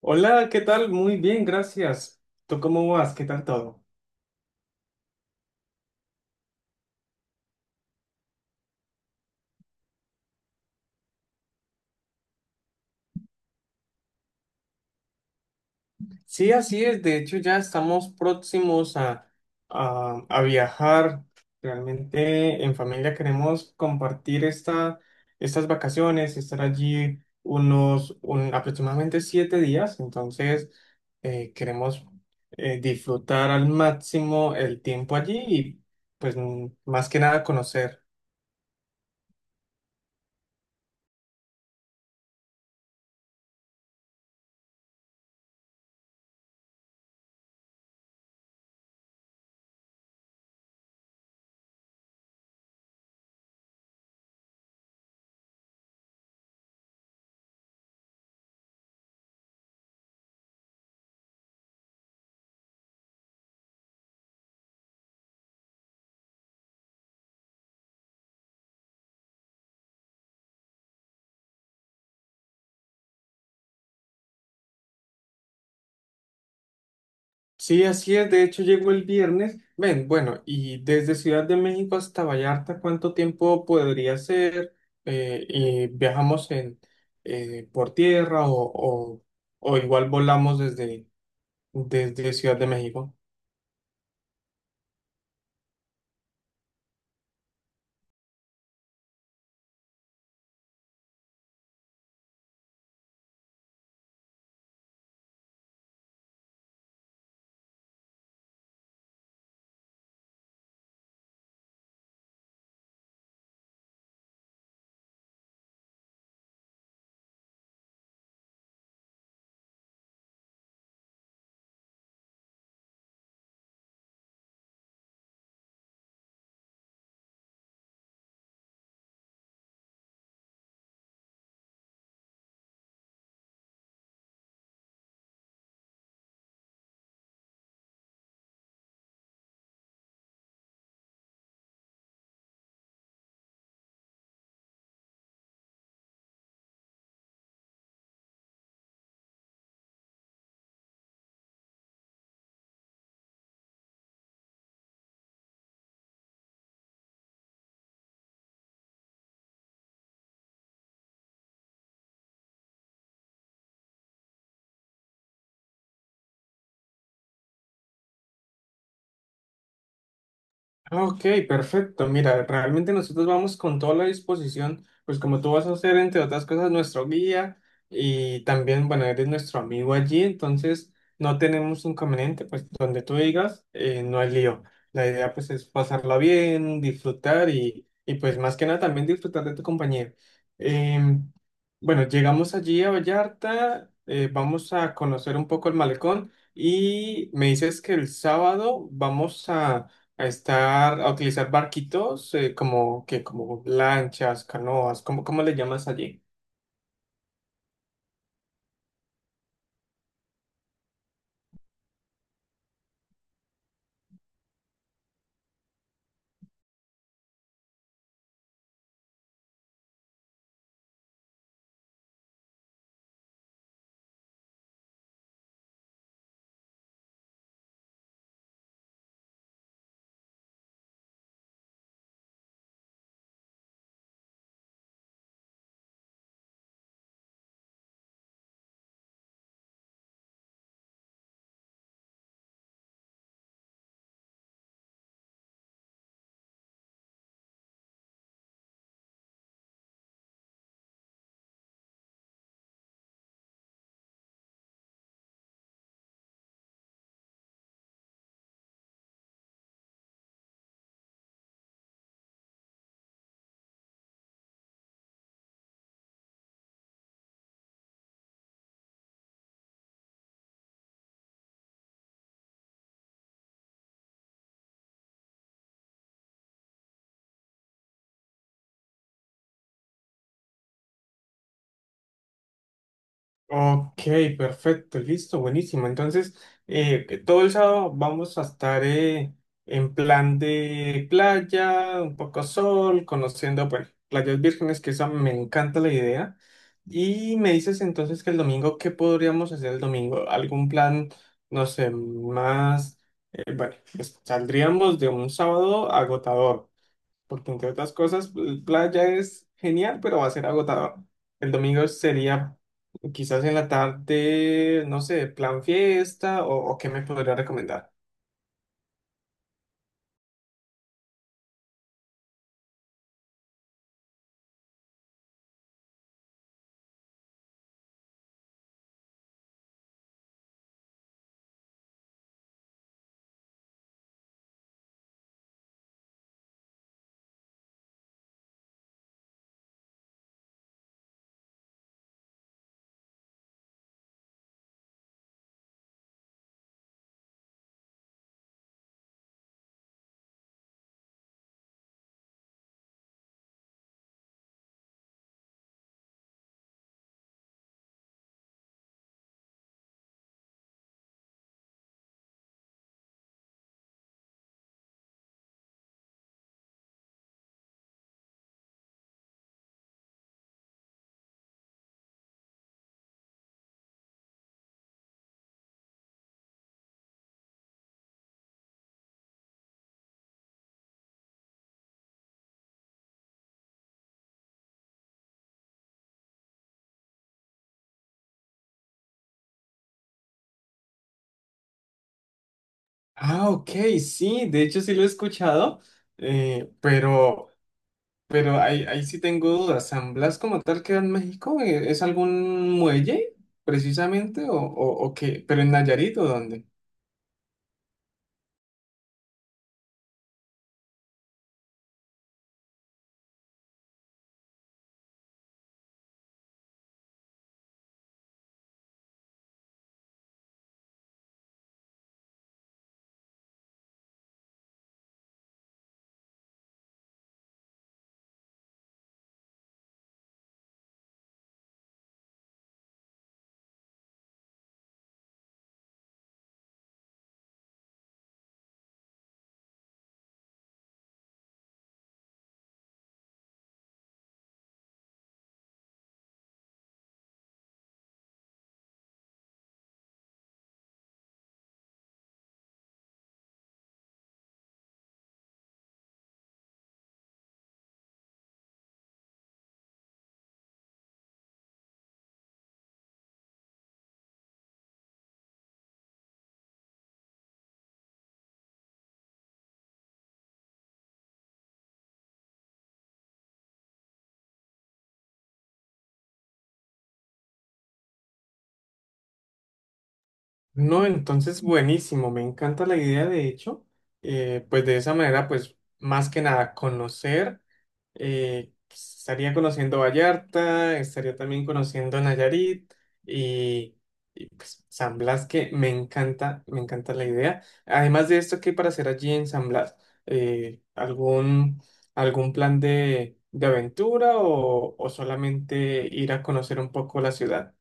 Hola, ¿qué tal? Muy bien, gracias. ¿Tú cómo vas? ¿Qué tal todo? Sí, así es. De hecho, ya estamos próximos a viajar. Realmente en familia queremos compartir estas vacaciones, estar allí aproximadamente 7 días. Entonces, queremos disfrutar al máximo el tiempo allí y pues, más que nada conocer. Sí, así es. De hecho, llegó el viernes. Ven, bueno, y desde Ciudad de México hasta Vallarta, ¿cuánto tiempo podría ser? Y viajamos en, por tierra o o igual volamos desde Ciudad de México. Ah, ok, perfecto. Mira, realmente nosotros vamos con toda la disposición, pues como tú vas a ser, entre otras cosas, nuestro guía y también, bueno, eres nuestro amigo allí, entonces no tenemos inconveniente, pues donde tú digas, no hay lío. La idea pues es pasarla bien, disfrutar y pues más que nada también disfrutar de tu compañía. Em, bueno, llegamos allí a Vallarta, vamos a conocer un poco el malecón y me dices que el sábado vamos a estar, a utilizar barquitos, como que, como lanchas, canoas, ¿ cómo le llamas allí? Ok, perfecto, listo, buenísimo. Entonces, que todo el sábado vamos a estar en plan de playa, un poco sol, conociendo, bueno, playas vírgenes, que esa me encanta la idea. Y me dices entonces que el domingo, ¿qué podríamos hacer el domingo? ¿Algún plan, no sé, bueno, pues, saldríamos de un sábado agotador, porque entre otras cosas, el playa es genial, pero va a ser agotador. El domingo sería quizás en la tarde, no sé, plan fiesta o qué me podría recomendar. Ah, ok, sí, de hecho sí lo he escuchado, eh, pero, pero ahí sí tengo dudas. ¿San Blas como tal queda en México? Es algún muelle precisamente o o qué? ¿Pero en Nayarit o dónde? No, entonces buenísimo, me encanta la idea de hecho. Pues de esa manera pues más que nada conocer, estaría conociendo Vallarta, estaría también conociendo Nayarit y, y, pues San Blas que me encanta la idea. Además de esto, ¿qué hay para hacer allí en San Blas? Eh, ¿algún, algún plan de aventura o solamente ir a conocer un poco la ciudad?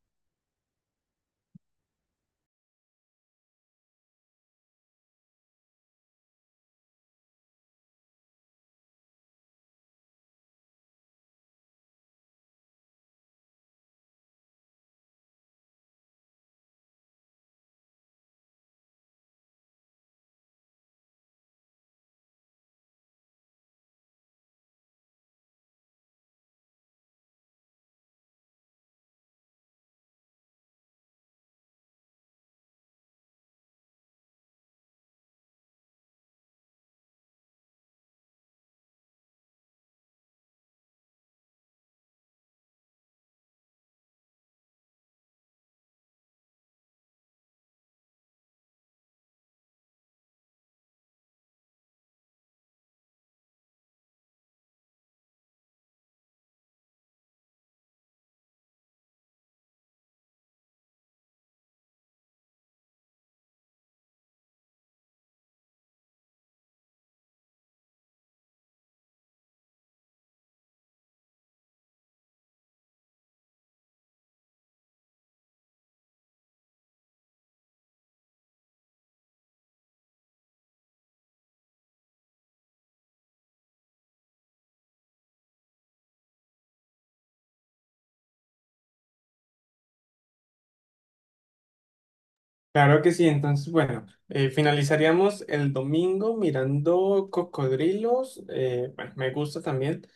Claro que sí, entonces, bueno, finalizaríamos el domingo mirando cocodrilos. Bueno, me gusta también,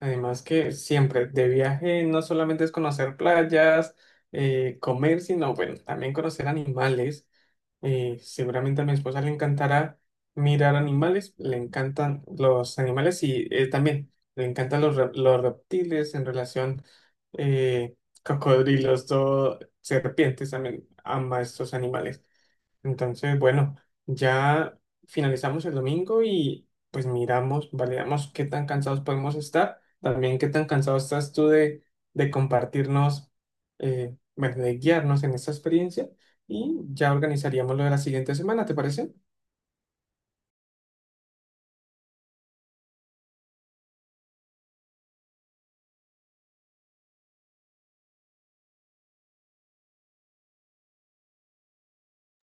además que siempre de viaje no solamente es conocer playas, comer, sino, bueno, también conocer animales. Seguramente a mi esposa le encantará mirar animales, le encantan los animales y también le encantan los reptiles en relación, eh, cocodrilos, todo, serpientes, también ama estos animales. Entonces, bueno, ya finalizamos el domingo y pues miramos, validamos qué tan cansados podemos estar, también qué tan cansado estás tú de compartirnos, bueno, de guiarnos en esta experiencia y ya organizaríamos lo de la siguiente semana, ¿te parece?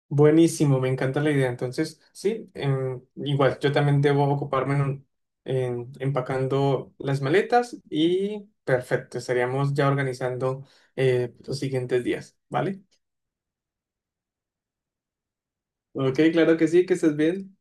Buenísimo, me encanta la idea. Entonces, sí, igual, yo también debo ocuparme en empacando las maletas y perfecto, estaríamos ya organizando los siguientes días, ¿vale? Ok, claro que sí, que estés bien.